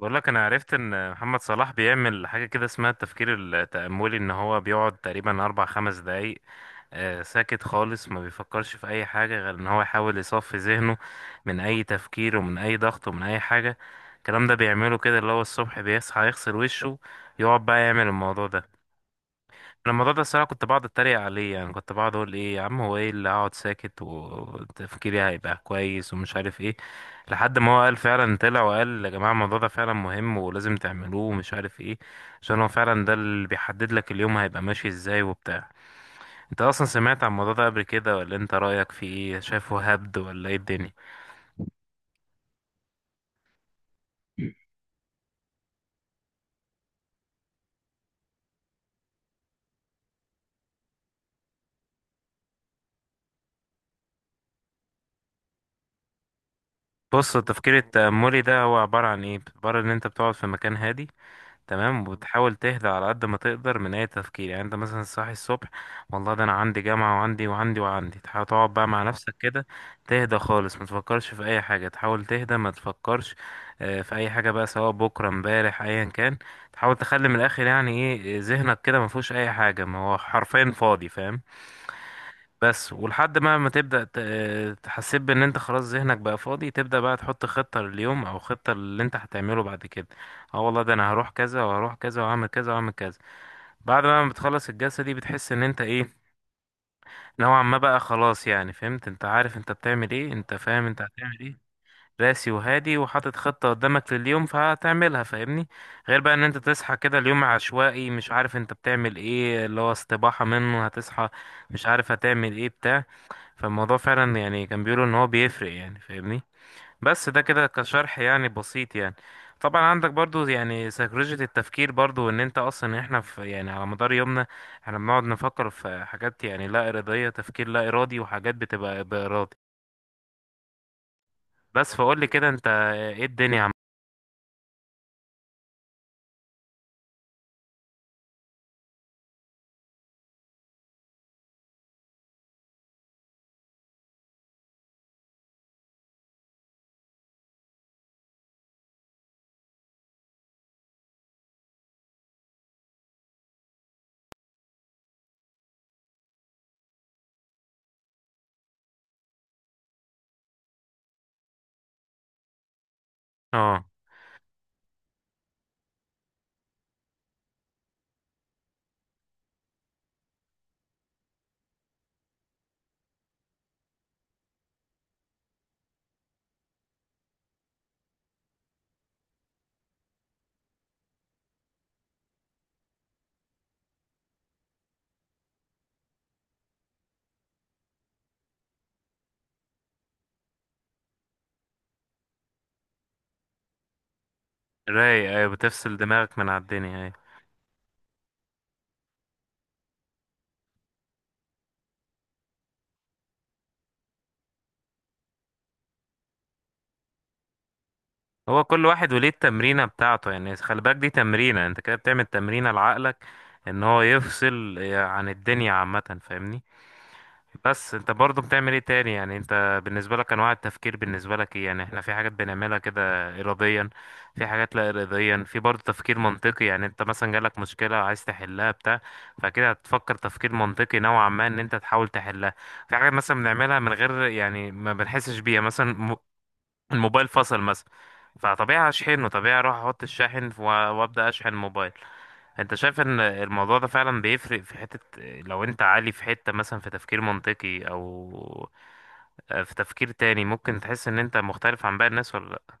بقول لك انا عرفت ان محمد صلاح بيعمل حاجه كده اسمها التفكير التأملي، ان هو بيقعد تقريبا اربع خمس دقايق ساكت خالص، ما بيفكرش في اي حاجه غير ان هو يحاول يصفي ذهنه من اي تفكير ومن اي ضغط ومن اي حاجه. الكلام ده بيعمله كده، اللي هو الصبح بيصحى يغسل وشه، يقعد بقى يعمل الموضوع ده. انا الموضوع ده الصراحه كنت بقعد اتريق عليه، يعني كنت بقعد اقول ايه يا عم، هو ايه اللي هقعد ساكت وتفكيري هيبقى كويس ومش عارف ايه. لحد ما هو قال فعلا، طلع وقال يا جماعه الموضوع ده فعلا مهم ولازم تعملوه ومش عارف ايه، عشان هو فعلا ده اللي بيحدد لك اليوم هيبقى ماشي ازاي وبتاع. انت اصلا سمعت عن الموضوع ده قبل كده، ولا انت رايك فيه ايه؟ شايفه هبد ولا ايه الدنيا؟ بص، التفكير التأملي ده هو عبارة عن ايه، عبارة ان انت بتقعد في مكان هادي، تمام، وبتحاول تهدى على قد ما تقدر من اي تفكير. يعني انت مثلا صاحي الصبح، والله ده انا عندي جامعة وعندي وعندي وعندي، تحاول تقعد بقى مع نفسك كده، تهدى خالص، ما تفكرش في اي حاجة، تحاول تهدى ما تفكرش في اي حاجة بقى، سواء بكرة امبارح ايا كان. تحاول تخلي من الاخر يعني ايه، ذهنك كده ما فيهوش اي حاجة، ما هو حرفيا فاضي، فاهم؟ بس ولحد ما تبدأ تحسب ان انت خلاص ذهنك بقى فاضي، تبدأ بقى تحط خطة لليوم او خطة اللي انت هتعمله بعد كده. اه والله ده انا هروح كذا وهروح كذا وهعمل كذا وهعمل كذا. بعد ما بتخلص الجلسة دي بتحس ان انت ايه، نوعا ما بقى خلاص، يعني فهمت، انت عارف انت بتعمل ايه، انت فاهم انت هتعمل ايه. راسي وهادي وحاطط خطة قدامك لليوم، فهتعملها، فاهمني؟ غير بقى ان انت تصحى كده اليوم عشوائي، مش عارف انت بتعمل ايه، اللي هو استباحة منه هتصحى مش عارف هتعمل ايه، بتاع. فالموضوع فعلا يعني كان بيقولوا ان هو بيفرق يعني، فاهمني؟ بس ده كده كشرح يعني بسيط يعني. طبعا عندك برضو يعني سيكولوجية التفكير، برضو ان انت اصلا احنا في يعني على مدار يومنا احنا بنقعد نفكر في حاجات، يعني لا ارادية، تفكير لا ارادي، وحاجات بتبقى بارادي. بس فقول لي كده انت، ايه الدنيا عم؟ اه رايق، ايوه، بتفصل دماغك من على الدنيا، ايوه. هو كل واحد وليه التمرينة بتاعته يعني، خلي بالك دي تمرينة، انت كده بتعمل تمرينة لعقلك ان هو يفصل يعني عن الدنيا عامة، فاهمني؟ بس انت برضو بتعمل ايه تاني يعني، انت بالنسبة لك انواع التفكير بالنسبة لك ايه يعني؟ احنا في حاجات بنعملها كده اراديا، في حاجات لا اراديا، في برضو تفكير منطقي. يعني انت مثلا جالك مشكلة عايز تحلها بتاع، فكده هتفكر تفكير منطقي نوعا ما ان انت تحاول تحلها. في حاجات مثلا بنعملها من غير يعني ما بنحسش بيها، مثلا الموبايل فصل مثلا، فطبيعي هشحنه، طبيعي اروح احط الشاحن وابدا اشحن الموبايل. انت شايف ان الموضوع ده فعلا بيفرق في حتة، لو انت عالي في حتة مثلا في تفكير منطقي او في تفكير تاني، ممكن تحس ان انت مختلف عن باقي الناس ولا لا؟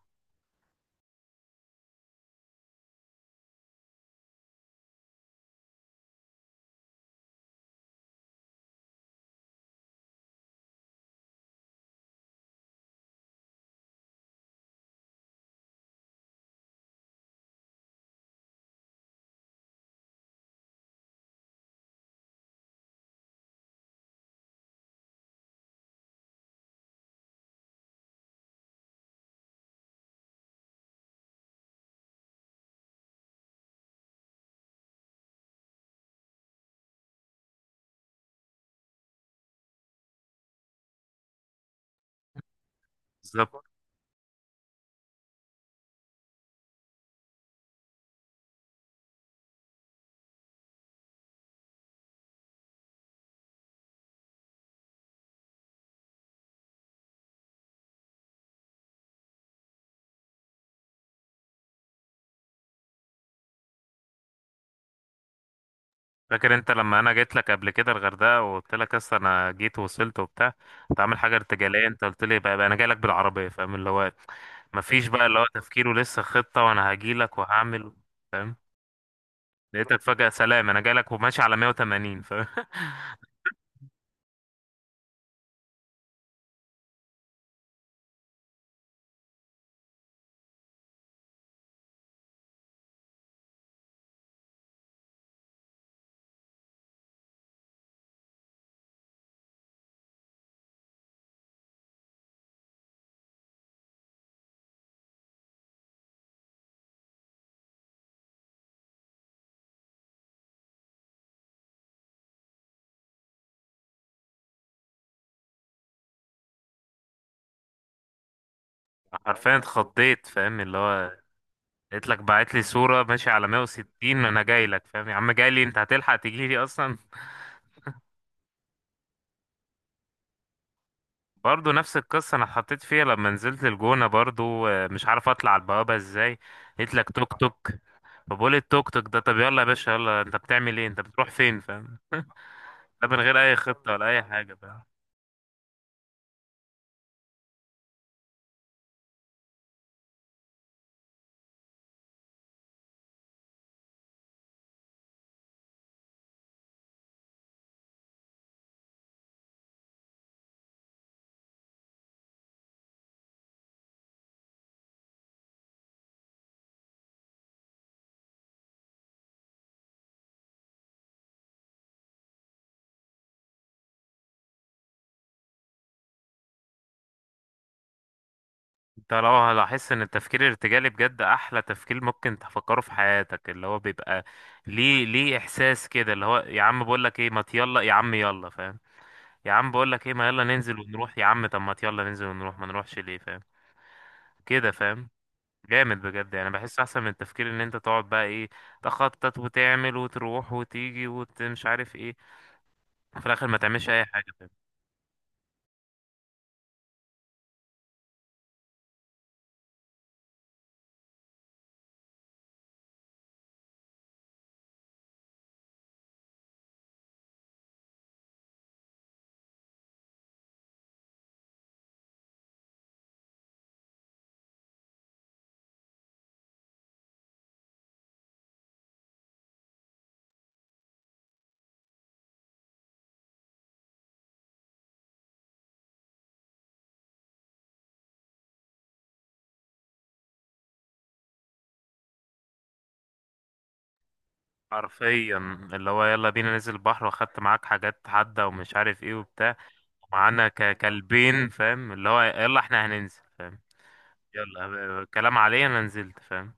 بالظبط. فاكر انت لما انا جيت لك قبل كده الغردقة وقلت لك اصل انا جيت ووصلت وبتاع، كنت عامل حاجة ارتجالية؟ انت قلت لي بقى، انا جاي لك بالعربية، فاهم؟ اللي هو مفيش بقى اللي هو تفكير ولسه خطة، وانا هجي لك وهعمل، فاهم؟ لقيتك فجأة سلام، انا جاي لك وماشي على 180، فاهم؟ حرفيا اتخضيت، فاهم؟ اللي هو قلت لك بعت لي صورة ماشي على 160، انا جاي لك، فاهم يا عم؟ جاي لي انت، هتلحق تجي لي اصلا؟ برضو نفس القصة انا اتحطيت فيها لما نزلت الجونة برضو، مش عارف اطلع على البوابة ازاي، قلت لك توك توك. فبقول التوك توك ده، طب يلا يا باشا، يلا انت بتعمل ايه؟ انت بتروح فين؟ فاهم؟ ده من غير اي خطة ولا اي حاجة، فاهم؟ انت لو هلاحظ ان التفكير الارتجالي بجد احلى تفكير ممكن تفكره في حياتك، اللي هو بيبقى ليه، ليه احساس كده اللي هو يا عم بقول لك ايه، ما يلا يا عم، يلا، فاهم؟ يا عم بقول لك ايه، ما يلا ننزل ونروح، يا عم طب ما يلا ننزل ونروح، ما نروحش ليه، فاهم كده، فاهم؟ جامد بجد يعني، بحس احسن من التفكير ان انت تقعد بقى ايه، تخطط وتعمل وتروح وتيجي ومش عارف ايه، في الاخر ما تعملش اي حاجه، فاهم؟ حرفيا اللي هو يلا بينا ننزل البحر، واخدت معاك حاجات حادة ومش عارف ايه وبتاع، ومعانا كلبين، فاهم؟ اللي هو يلا احنا هننزل، فاهم؟ يلا، الكلام عليا انا نزلت، فاهم؟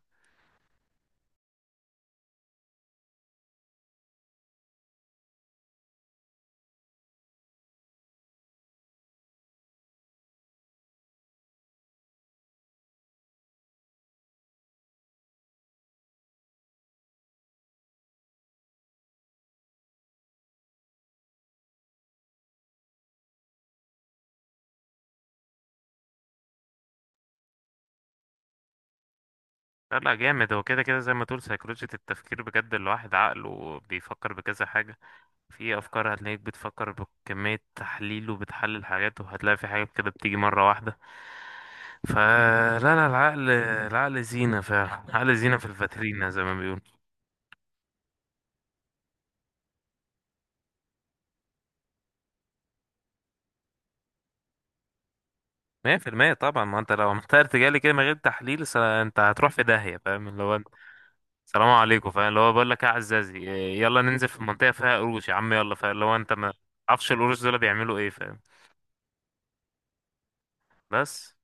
لا لا جامد، هو كده كده زي ما تقول سيكولوجية التفكير بجد الواحد عقله بيفكر بكذا حاجة. في افكار هتلاقيك بتفكر بكمية تحليل وبتحلل حاجات، وهتلاقي في حاجات كده بتيجي مرة واحدة. فلا لا، العقل زينة فعلا. عقل زينة في الفاترينا زي ما بيقولوا. 100% طبعا، ما انت لو عملت ارتجالي كده من غير تحليل انت هتروح في داهية، فاهم؟ اللي هو سلام عليكم، فاهم؟ اللي هو بقول لك ايه يا عزازي، يلا ننزل في منطقة فيها قروش يا عم، يلا، فاهم؟ اللي هو انت ما تعرفش القروش دول بيعملوا ايه، فاهم؟ بس.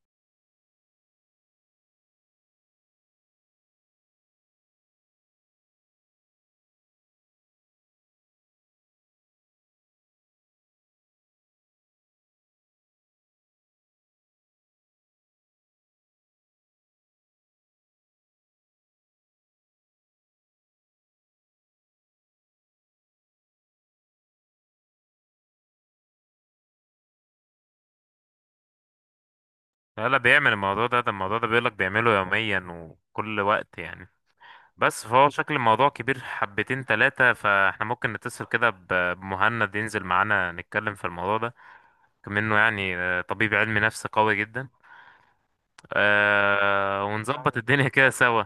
لا لا، بيعمل الموضوع ده، ده الموضوع ده بيقول لك بيعمله يوميا وكل وقت يعني. بس فهو شكل الموضوع كبير حبتين تلاتة، فاحنا ممكن نتصل كده بمهند ينزل معانا نتكلم في الموضوع ده، كم انه يعني طبيب علم نفس قوي جدا، ونظبط الدنيا كده سوا.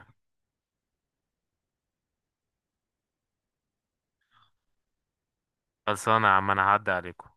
خلصانة يا عم، انا هعدي عليكم.